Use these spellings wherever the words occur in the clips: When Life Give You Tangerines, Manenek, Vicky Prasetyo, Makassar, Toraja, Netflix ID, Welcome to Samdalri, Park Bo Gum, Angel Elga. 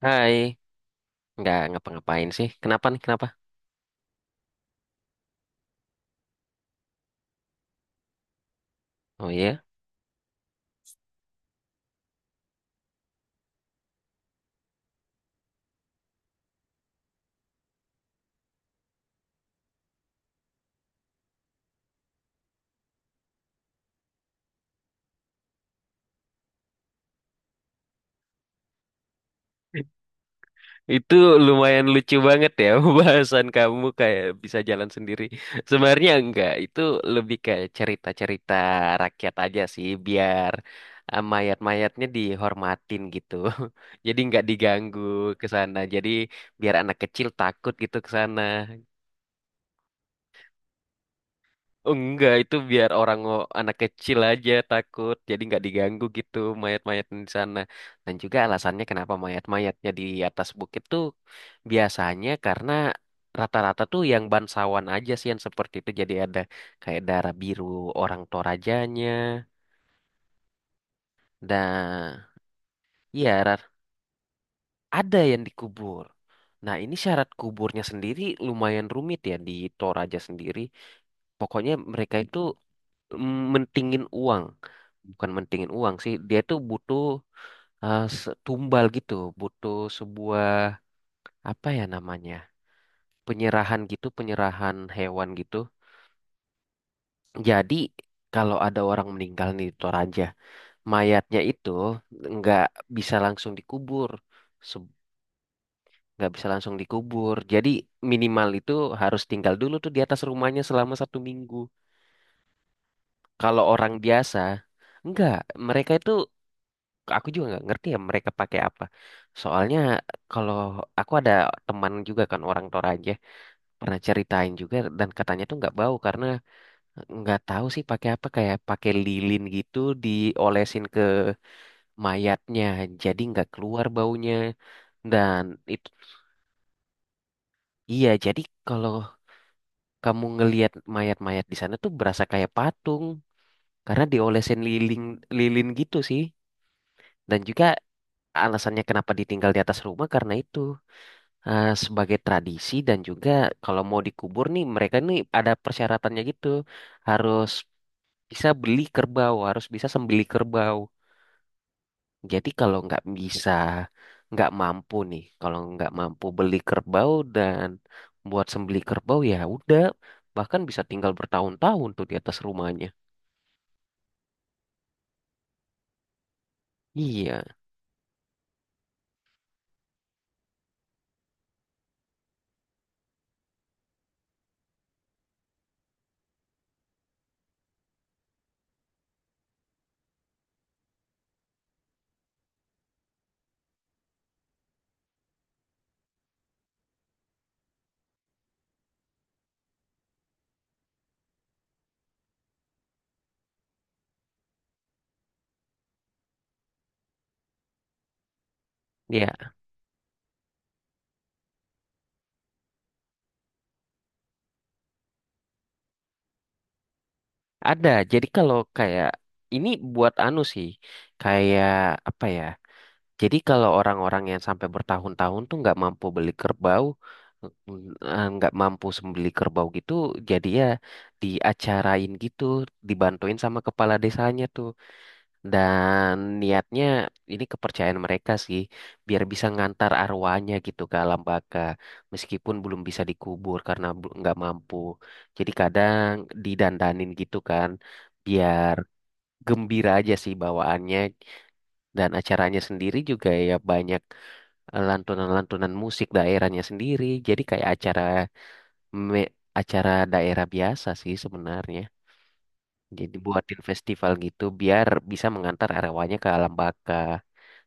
Hai, nggak ngapa-ngapain sih. Kenapa nih? Kenapa? Oh iya, itu lumayan lucu banget ya bahasan kamu kayak bisa jalan sendiri. Sebenarnya enggak, itu lebih kayak cerita-cerita rakyat aja sih, biar mayat-mayatnya dihormatin gitu. Jadi nggak diganggu ke sana. Jadi biar anak kecil takut gitu ke sana. Oh, enggak, itu biar anak kecil aja takut, jadi nggak diganggu gitu mayat-mayat di sana. Dan juga alasannya kenapa mayat-mayatnya di atas bukit tuh biasanya karena rata-rata tuh yang bansawan aja sih yang seperti itu. Jadi ada kayak darah biru orang Torajanya. Dan iya, ada yang dikubur. Nah, ini syarat kuburnya sendiri lumayan rumit ya di Toraja sendiri. Pokoknya mereka itu mentingin uang. Bukan mentingin uang sih, dia tuh butuh tumbal gitu, butuh sebuah apa ya namanya? Penyerahan gitu, penyerahan hewan gitu. Jadi kalau ada orang meninggal nih di Toraja, mayatnya itu nggak bisa langsung dikubur, Se- nggak bisa langsung dikubur. Jadi minimal itu harus tinggal dulu tuh di atas rumahnya selama satu minggu. Kalau orang biasa, enggak, mereka itu aku juga nggak ngerti ya mereka pakai apa. Soalnya kalau aku ada teman juga kan orang Toraja pernah ceritain juga dan katanya tuh nggak bau karena nggak tahu sih pakai apa kayak pakai lilin gitu diolesin ke mayatnya jadi nggak keluar baunya dan itu iya jadi kalau kamu ngelihat mayat-mayat di sana tuh berasa kayak patung karena diolesin lilin lilin gitu sih dan juga alasannya kenapa ditinggal di atas rumah karena itu sebagai tradisi dan juga kalau mau dikubur nih mereka nih ada persyaratannya gitu harus bisa beli kerbau harus bisa sembelih kerbau jadi kalau nggak bisa nggak mampu nih kalau nggak mampu beli kerbau dan buat sembelih kerbau ya udah bahkan bisa tinggal bertahun-tahun tuh di atas rumahnya iya ya ada jadi kalau kayak ini buat anu sih kayak apa ya. Jadi kalau orang-orang yang sampai bertahun-tahun tuh nggak mampu beli kerbau, nggak mampu sembeli kerbau gitu, jadi ya diacarain gitu, dibantuin sama kepala desanya tuh. Dan niatnya ini kepercayaan mereka sih, biar bisa ngantar arwahnya gitu ke alam baka, meskipun belum bisa dikubur karena nggak mampu. Jadi kadang didandanin gitu kan, biar gembira aja sih bawaannya dan acaranya sendiri juga ya banyak lantunan-lantunan musik daerahnya sendiri. Jadi kayak me- acara daerah biasa sih sebenarnya. Jadi buatin festival gitu biar bisa mengantar arwahnya ke alam baka.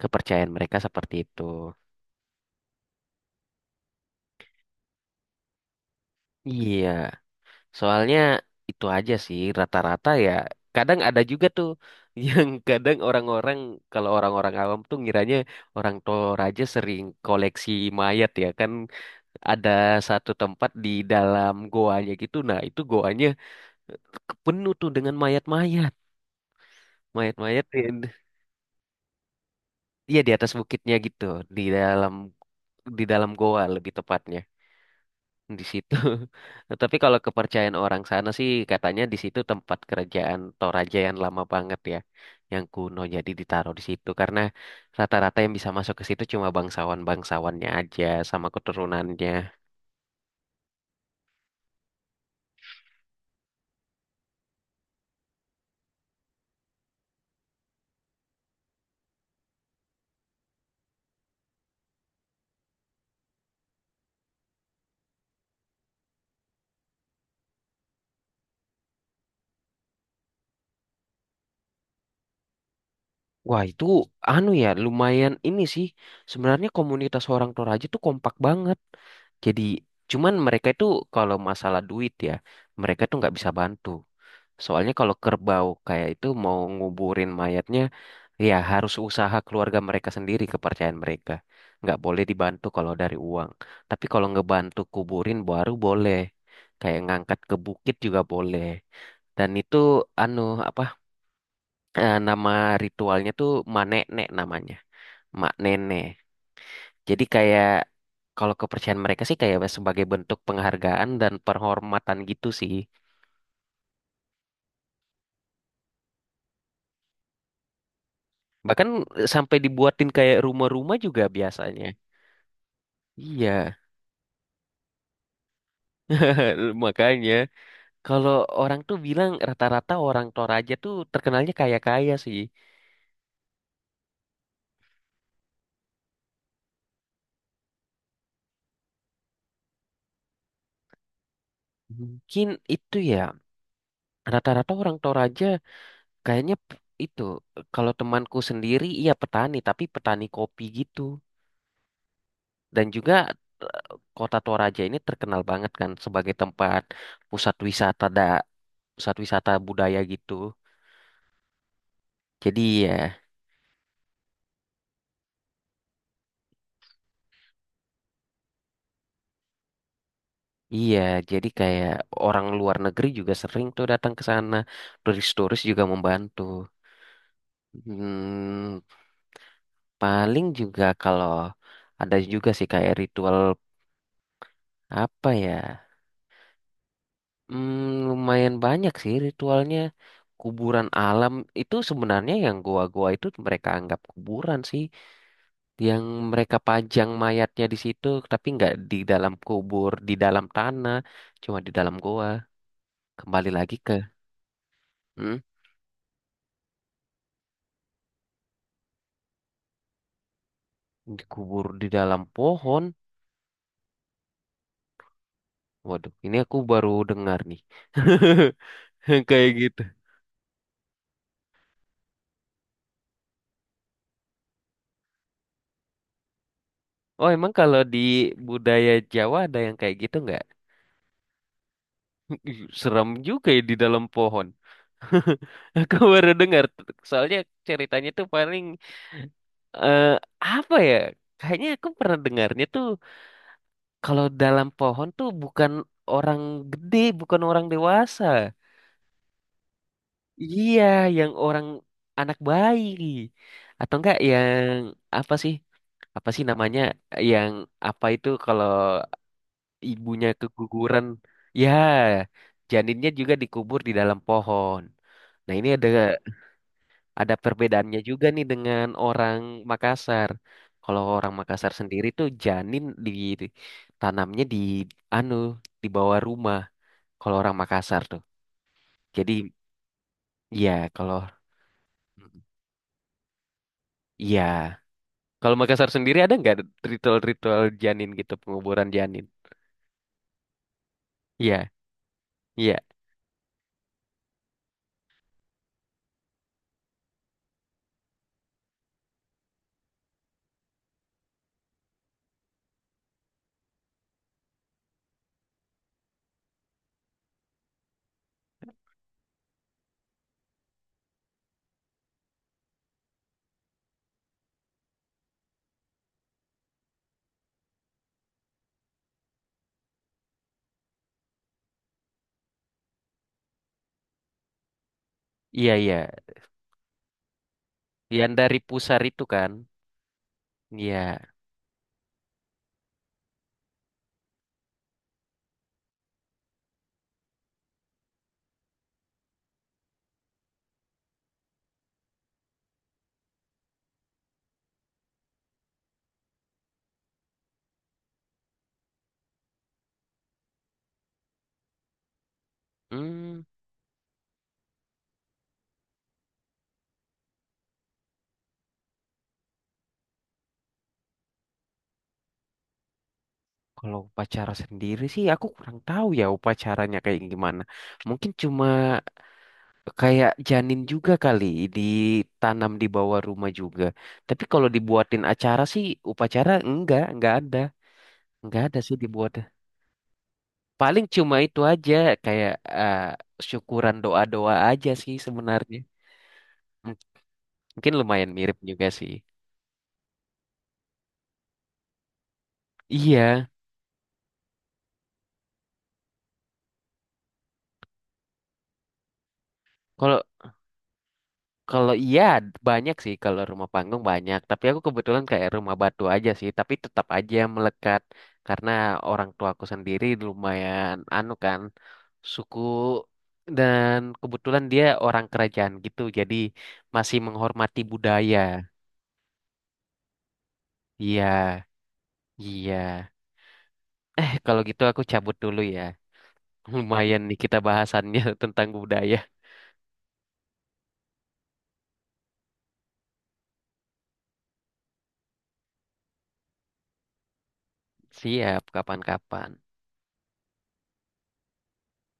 Kepercayaan mereka seperti itu. Iya, soalnya itu aja sih rata-rata ya. Kadang ada juga tuh yang kadang orang-orang kalau orang-orang awam tuh ngiranya orang Toraja sering koleksi mayat ya kan ada satu tempat di dalam goanya gitu. Nah, itu goanya penuh tuh dengan mayat-mayat, mayat-mayat di- iya di atas bukitnya gitu, di dalam di dalam goa lebih tepatnya di situ. Tapi kalau kepercayaan orang sana sih katanya di situ tempat kerajaan Toraja yang lama banget ya, yang kuno jadi ditaruh di situ karena rata-rata yang bisa masuk ke situ cuma bangsawan-bangsawannya aja sama keturunannya. Wah itu anu ya lumayan ini sih sebenarnya komunitas orang Toraja tuh kompak banget. Jadi cuman mereka itu kalau masalah duit ya mereka tuh nggak bisa bantu. Soalnya kalau kerbau kayak itu mau nguburin mayatnya ya harus usaha keluarga mereka sendiri kepercayaan mereka. Nggak boleh dibantu kalau dari uang. Tapi kalau ngebantu kuburin baru boleh. Kayak ngangkat ke bukit juga boleh. Dan itu anu apa nama ritualnya tuh Manenek namanya. Mak Nenek. Jadi kayak kalau kepercayaan mereka sih kayak sebagai bentuk penghargaan dan penghormatan gitu sih. Bahkan sampai dibuatin kayak rumah-rumah juga biasanya. Iya, makanya kalau orang tuh bilang rata-rata orang Toraja tuh terkenalnya kaya-kaya sih. Mungkin itu ya, rata-rata orang Toraja kayaknya itu kalau temanku sendiri iya petani tapi petani kopi gitu. Dan juga eh, Kota Toraja ini terkenal banget kan sebagai tempat pusat wisata da pusat wisata budaya gitu. Jadi ya iya jadi kayak orang luar negeri juga sering tuh datang ke sana. Turis-turis juga membantu. Hmm, paling juga kalau ada juga sih kayak ritual apa ya? Hmm, lumayan banyak sih ritualnya. Kuburan alam itu sebenarnya yang goa-goa itu mereka anggap kuburan sih, yang mereka pajang mayatnya di situ, tapi nggak di dalam kubur, di dalam tanah, cuma di dalam goa. Kembali lagi ke hmm, dikubur di dalam pohon. Waduh, ini aku baru dengar nih. Kayak gitu. Oh, emang kalau di budaya Jawa ada yang kayak gitu nggak? Serem juga ya di dalam pohon. Aku baru dengar. Soalnya ceritanya tuh paling eh, apa ya? Kayaknya aku pernah dengarnya tuh kalau dalam pohon tuh bukan orang gede, bukan orang dewasa. Iya, yang orang anak bayi. Atau enggak yang apa sih? Apa sih namanya? Yang apa itu kalau ibunya keguguran? Ya, janinnya juga dikubur di dalam pohon. Nah, ini ada perbedaannya juga nih dengan orang Makassar. Kalau orang Makassar sendiri tuh janin ditanamnya di anu di bawah rumah. Kalau orang Makassar tuh. Jadi ya kalau ya kalau Makassar sendiri ada nggak ritual-ritual janin gitu penguburan janin? Iya iya iya iya yang dari pusar itu kan? Iya. Hmm, kalau upacara sendiri sih aku kurang tahu ya upacaranya kayak gimana. Mungkin cuma kayak janin juga kali ditanam di bawah rumah juga. Tapi kalau dibuatin acara sih upacara enggak ada. Enggak ada sih dibuat paling cuma itu aja kayak eh, syukuran doa-doa aja sih sebenarnya. M- Mungkin lumayan mirip juga sih. Iya, kalau kalau iya banyak sih kalau rumah panggung banyak, tapi aku kebetulan kayak rumah batu aja sih, tapi tetap aja melekat karena orang tuaku sendiri lumayan anu kan suku dan kebetulan dia orang kerajaan gitu, jadi masih menghormati budaya. Iya, iya. Eh, kalau gitu aku cabut dulu ya. Lumayan nih kita bahasannya tentang budaya. Siap, kapan-kapan.